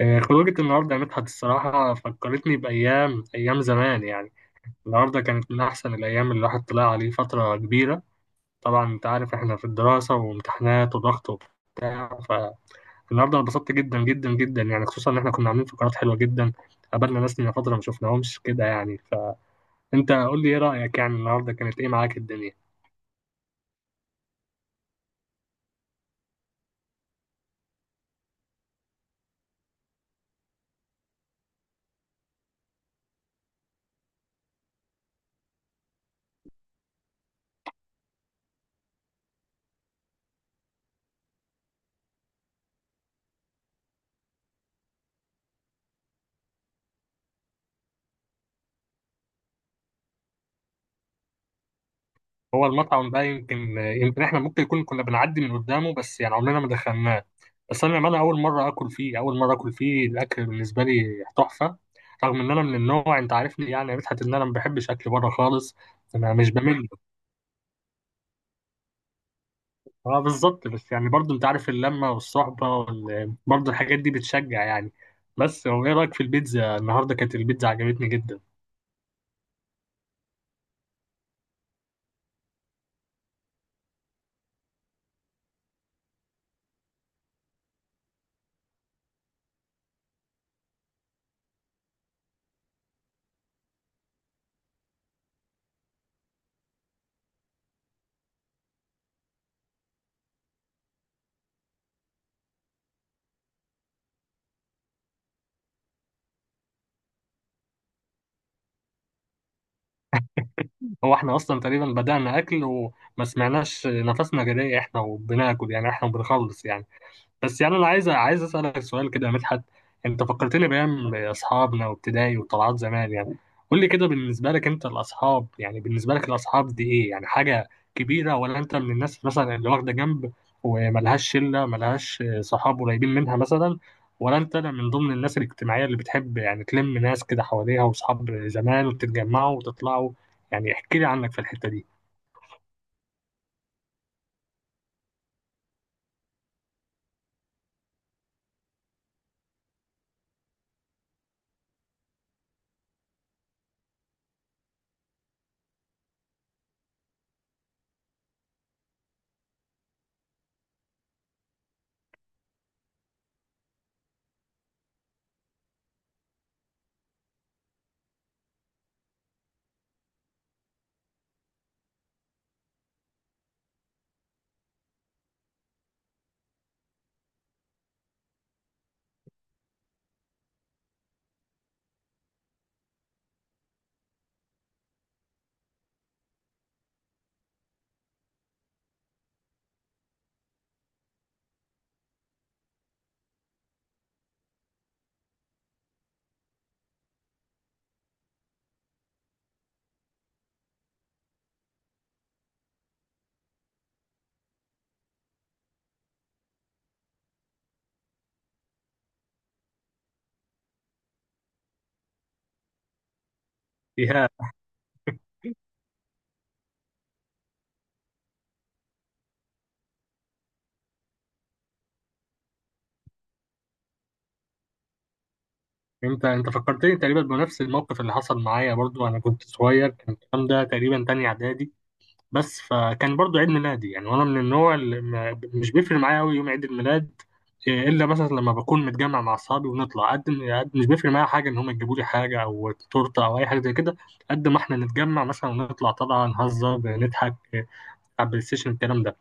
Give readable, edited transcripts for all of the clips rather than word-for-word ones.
خروجة النهاردة يا مدحت الصراحة فكرتني بأيام زمان يعني. النهاردة كانت من أحسن الأيام اللي الواحد طلع عليه فترة كبيرة. طبعا أنت عارف إحنا في الدراسة وامتحانات وضغط وبتاع، فالنهاردة أنا اتبسطت جدا يعني، خصوصا إن إحنا كنا عاملين فقرات حلوة جدا. قابلنا ناس من فترة ما شفناهمش كده يعني. فأنت قول لي إيه رأيك، يعني النهاردة كانت إيه معاك الدنيا؟ هو المطعم ده يمكن إحنا ممكن يكون كنا بنعدي من قدامه، بس يعني عمرنا ما دخلناه. بس انا للأمانة اول مره اكل فيه، الاكل بالنسبه لي تحفه. رغم ان انا من النوع، انت عارفني يعني يا مدحت، ان انا ما بحبش اكل بره خالص. انا مش بمل. اه بالظبط. بس يعني برضه انت عارف، اللمه والصحبه برضه الحاجات دي بتشجع يعني. بس هو ايه رايك في البيتزا النهارده؟ كانت البيتزا عجبتني جدا. هو احنا اصلا تقريبا بدانا اكل وما سمعناش نفسنا، جري احنا وبناكل يعني، احنا وبنخلص يعني. بس يعني انا عايز اسالك سؤال كده يا مدحت. انت فكرتني بايام اصحابنا وابتدائي وطلعات زمان يعني. قول لي كده، بالنسبه لك انت الاصحاب يعني، بالنسبه لك الاصحاب دي ايه يعني؟ حاجه كبيره، ولا انت من الناس مثلا اللي واخده جنب وملهاش شله، ملهاش صحاب قريبين منها مثلا؟ ولا انت من ضمن الناس الاجتماعيه اللي بتحب يعني تلم ناس كده حواليها واصحاب زمان وتتجمعوا وتطلعوا؟ يعني احكي لي عنك في الحته دي. ايه، انت انت فكرتني تقريبا بنفس الموقف اللي حصل معايا برضو. انا كنت صغير، كان الكلام ده تقريبا تاني اعدادي. بس فكان برضو عيد ميلادي يعني، وانا من النوع اللي مش بيفرق معايا قوي يوم عيد الميلاد، الا مثلا لما بكون متجمع مع اصحابي ونطلع. قد مش بيفرق معايا حاجه ان هم يجيبوا لي حاجه او تورته او اي حاجه زي كده، قد ما احنا نتجمع مثلا ونطلع، طبعا نهزر نضحك على البلاي ستيشن الكلام ده.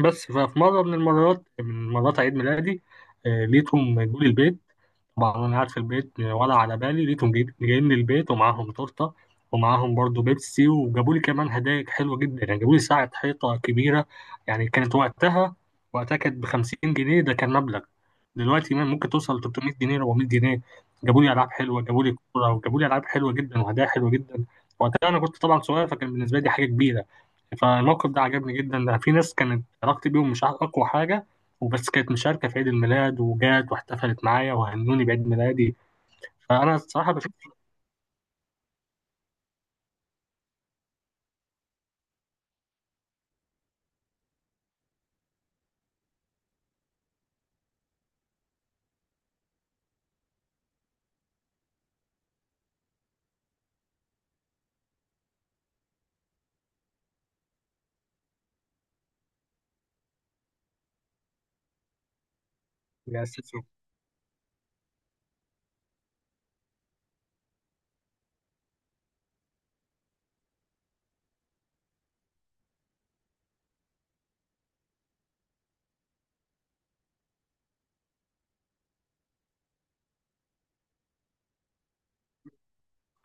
بس ففي مره من المرات من مرات عيد ميلادي، لقيتهم جولي البيت. طبعا انا قاعد في البيت ولا على بالي، لقيتهم جايين للبيت ومعاهم تورته، ومعاهم برضو بيبسي، وجابوا لي كمان هدايا حلوه جدا يعني. جابوا لي ساعه حيطه كبيره، يعني كانت وقتها، وقتها كانت ب 50 جنيه. ده كان مبلغ، دلوقتي ممكن توصل ل 300 جنيه، 400 جنيه. جابوا لي العاب حلوه، جابوا لي كوره، وجابوا لي العاب حلوه جدا وهدايا حلوه جدا. وقتها انا كنت طبعا صغير، فكان بالنسبه لي حاجه كبيره. فالموقف ده عجبني جدا. ده في ناس كانت علاقتي بيهم مش اقوى حاجه، وبس كانت مشاركة في عيد الميلاد وجات واحتفلت معايا وهنوني بعيد ميلادي. فأنا الصراحة بشوف. بيأسسني.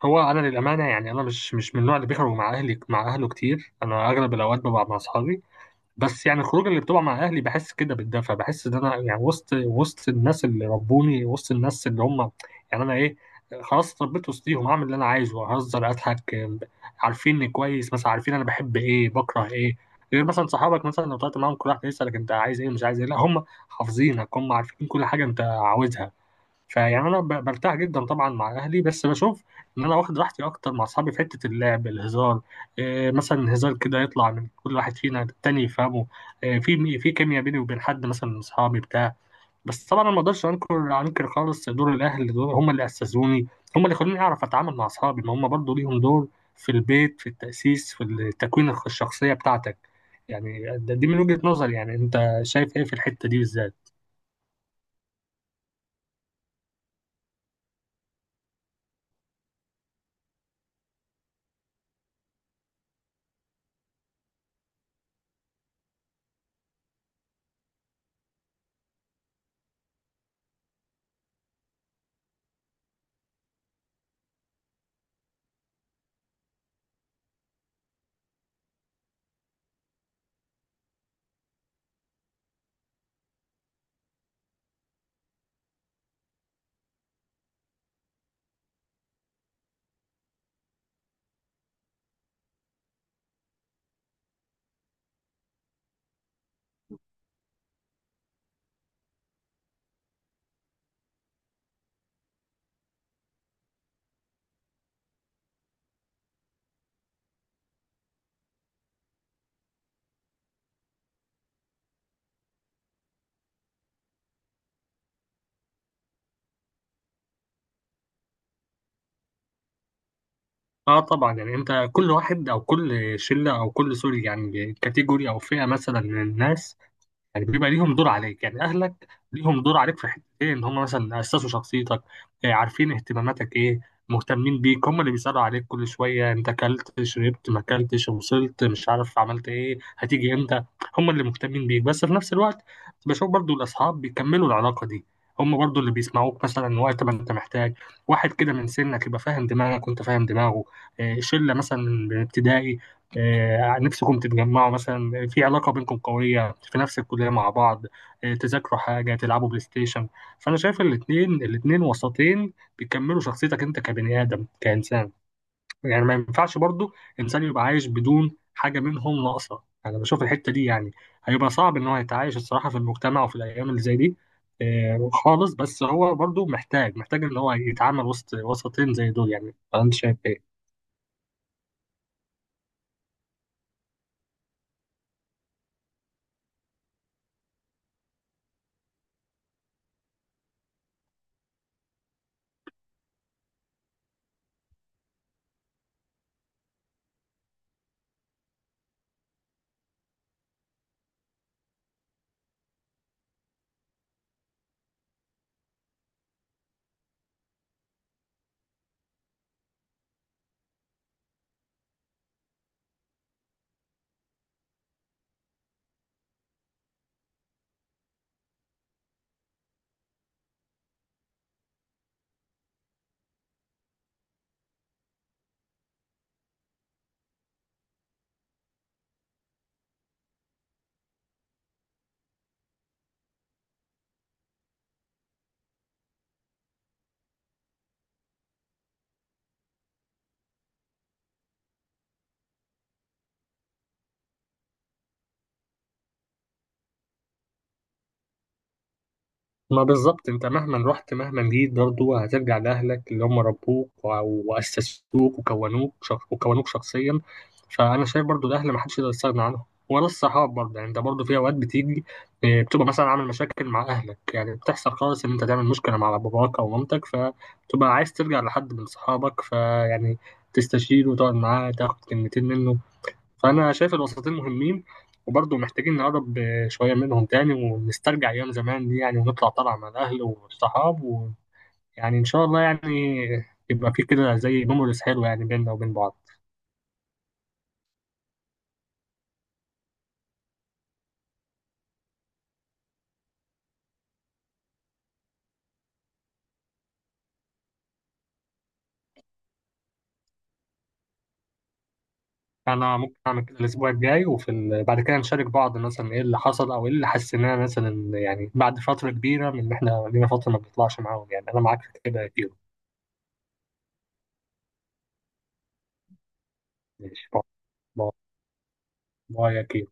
هو أنا للأمانة يعني أنا مش من النوع اللي بيخرج مع أهلي، مع أهله كتير. أنا أغلب الأوقات ببقى مع أصحابي. بس يعني الخروج اللي بتبقى مع اهلي بحس كده بالدفى، بحس ان انا يعني وسط، وسط الناس اللي ربوني، وسط الناس اللي هم يعني انا ايه، خلاص اتربيت وسطيهم. اعمل اللي انا عايزه، اهزر، اضحك. عارفيني كويس، مثلا عارفين انا بحب ايه، بكره ايه. غير مثلا صحابك، مثلا لو طلعت معاهم كل واحد يسالك انت عايز ايه، مش عايز ايه، لا هم حافظينك، هم عارفين كل حاجه انت عاوزها. فيعني انا برتاح جدا طبعا مع اهلي، بس بشوف ان انا واخد راحتي اكتر مع اصحابي في حته اللعب، الهزار. إيه، مثلا هزار كده يطلع من كل واحد فينا التاني يفهمه. إيه، في في كيمياء بيني وبين حد مثلا من اصحابي بتاع. بس طبعا انا ما اقدرش انكر خالص دور الاهل. دول هم اللي اسسوني، هم اللي خلوني اعرف اتعامل مع اصحابي، ما هم برضو ليهم دور في البيت، في التاسيس، في تكوين الشخصيه بتاعتك. يعني دي من وجهه نظري. يعني انت شايف ايه في الحته دي بالذات؟ اه طبعا، يعني انت كل واحد او كل شله او كل سوري يعني، كاتيجوري او فئه مثلا من الناس، يعني بيبقى ليهم دور عليك. يعني اهلك ليهم دور عليك في حتتين، ان هم مثلا اسسوا شخصيتك، عارفين اهتماماتك ايه، مهتمين بيك، هم اللي بيسالوا عليك كل شويه انت اكلت، شربت، ما اكلتش، وصلت، مش عارف، عملت ايه، هتيجي امتى. هم اللي مهتمين بيك. بس في نفس الوقت بشوف برضو الاصحاب بيكملوا العلاقه دي. هم برضو اللي بيسمعوك مثلا وقت ما انت محتاج واحد كده من سنك يبقى فاهم دماغك وانت فاهم دماغه. شله مثلا من ابتدائي، نفسكم تتجمعوا مثلا في علاقة بينكم قوية، في نفس الكلية مع بعض، تذاكروا حاجة، تلعبوا بلاي ستيشن. فأنا شايف الاتنين وسطين بيكملوا شخصيتك أنت كبني آدم كإنسان. يعني ما ينفعش برضو إنسان يبقى عايش بدون حاجة منهم ناقصة. أنا بشوف الحتة دي يعني هيبقى صعب إن هو يتعايش الصراحة في المجتمع وفي الأيام اللي زي دي خالص. بس هو برضو محتاج إن هو يتعامل وسط وسطين زي دول. يعني أنت شايف إيه؟ ما بالظبط، انت مهما رحت مهما جيت برضه هترجع لأهلك اللي هم ربوك وأسسوك وكونوك وكونوك شخصيا. فأنا شايف برضه الأهل ما حدش يقدر يستغنى عنهم، ولا الصحاب برضه. يعني انت برضه في أوقات بتيجي، اه، بتبقى مثلا عامل مشاكل مع أهلك، يعني بتحصل خالص إن انت تعمل مشكلة مع باباك أو مامتك، فبتبقى عايز ترجع لحد من صحابك، فيعني تستشيره وتقعد معاه تاخد كلمتين منه. فأنا شايف الوسطين مهمين، وبرضه محتاجين نقرب شوية منهم تاني ونسترجع أيام زمان دي يعني، ونطلع طلعة مع الأهل والصحاب، ويعني إن شاء الله يعني يبقى في كده زي ميموريز حلوة يعني بيننا وبين بعض. أنا ممكن أعمل كده الأسبوع الجاي، وفي بعد كده نشارك بعض مثلا إيه اللي حصل أو إيه اللي حسيناه مثلا، يعني بعد فترة كبيرة من إن إحنا لينا فترة ما بنطلعش معاهم يعني. أنا معاك في كده يا كيرو. ماشي، باي باي. باي يا كيرو.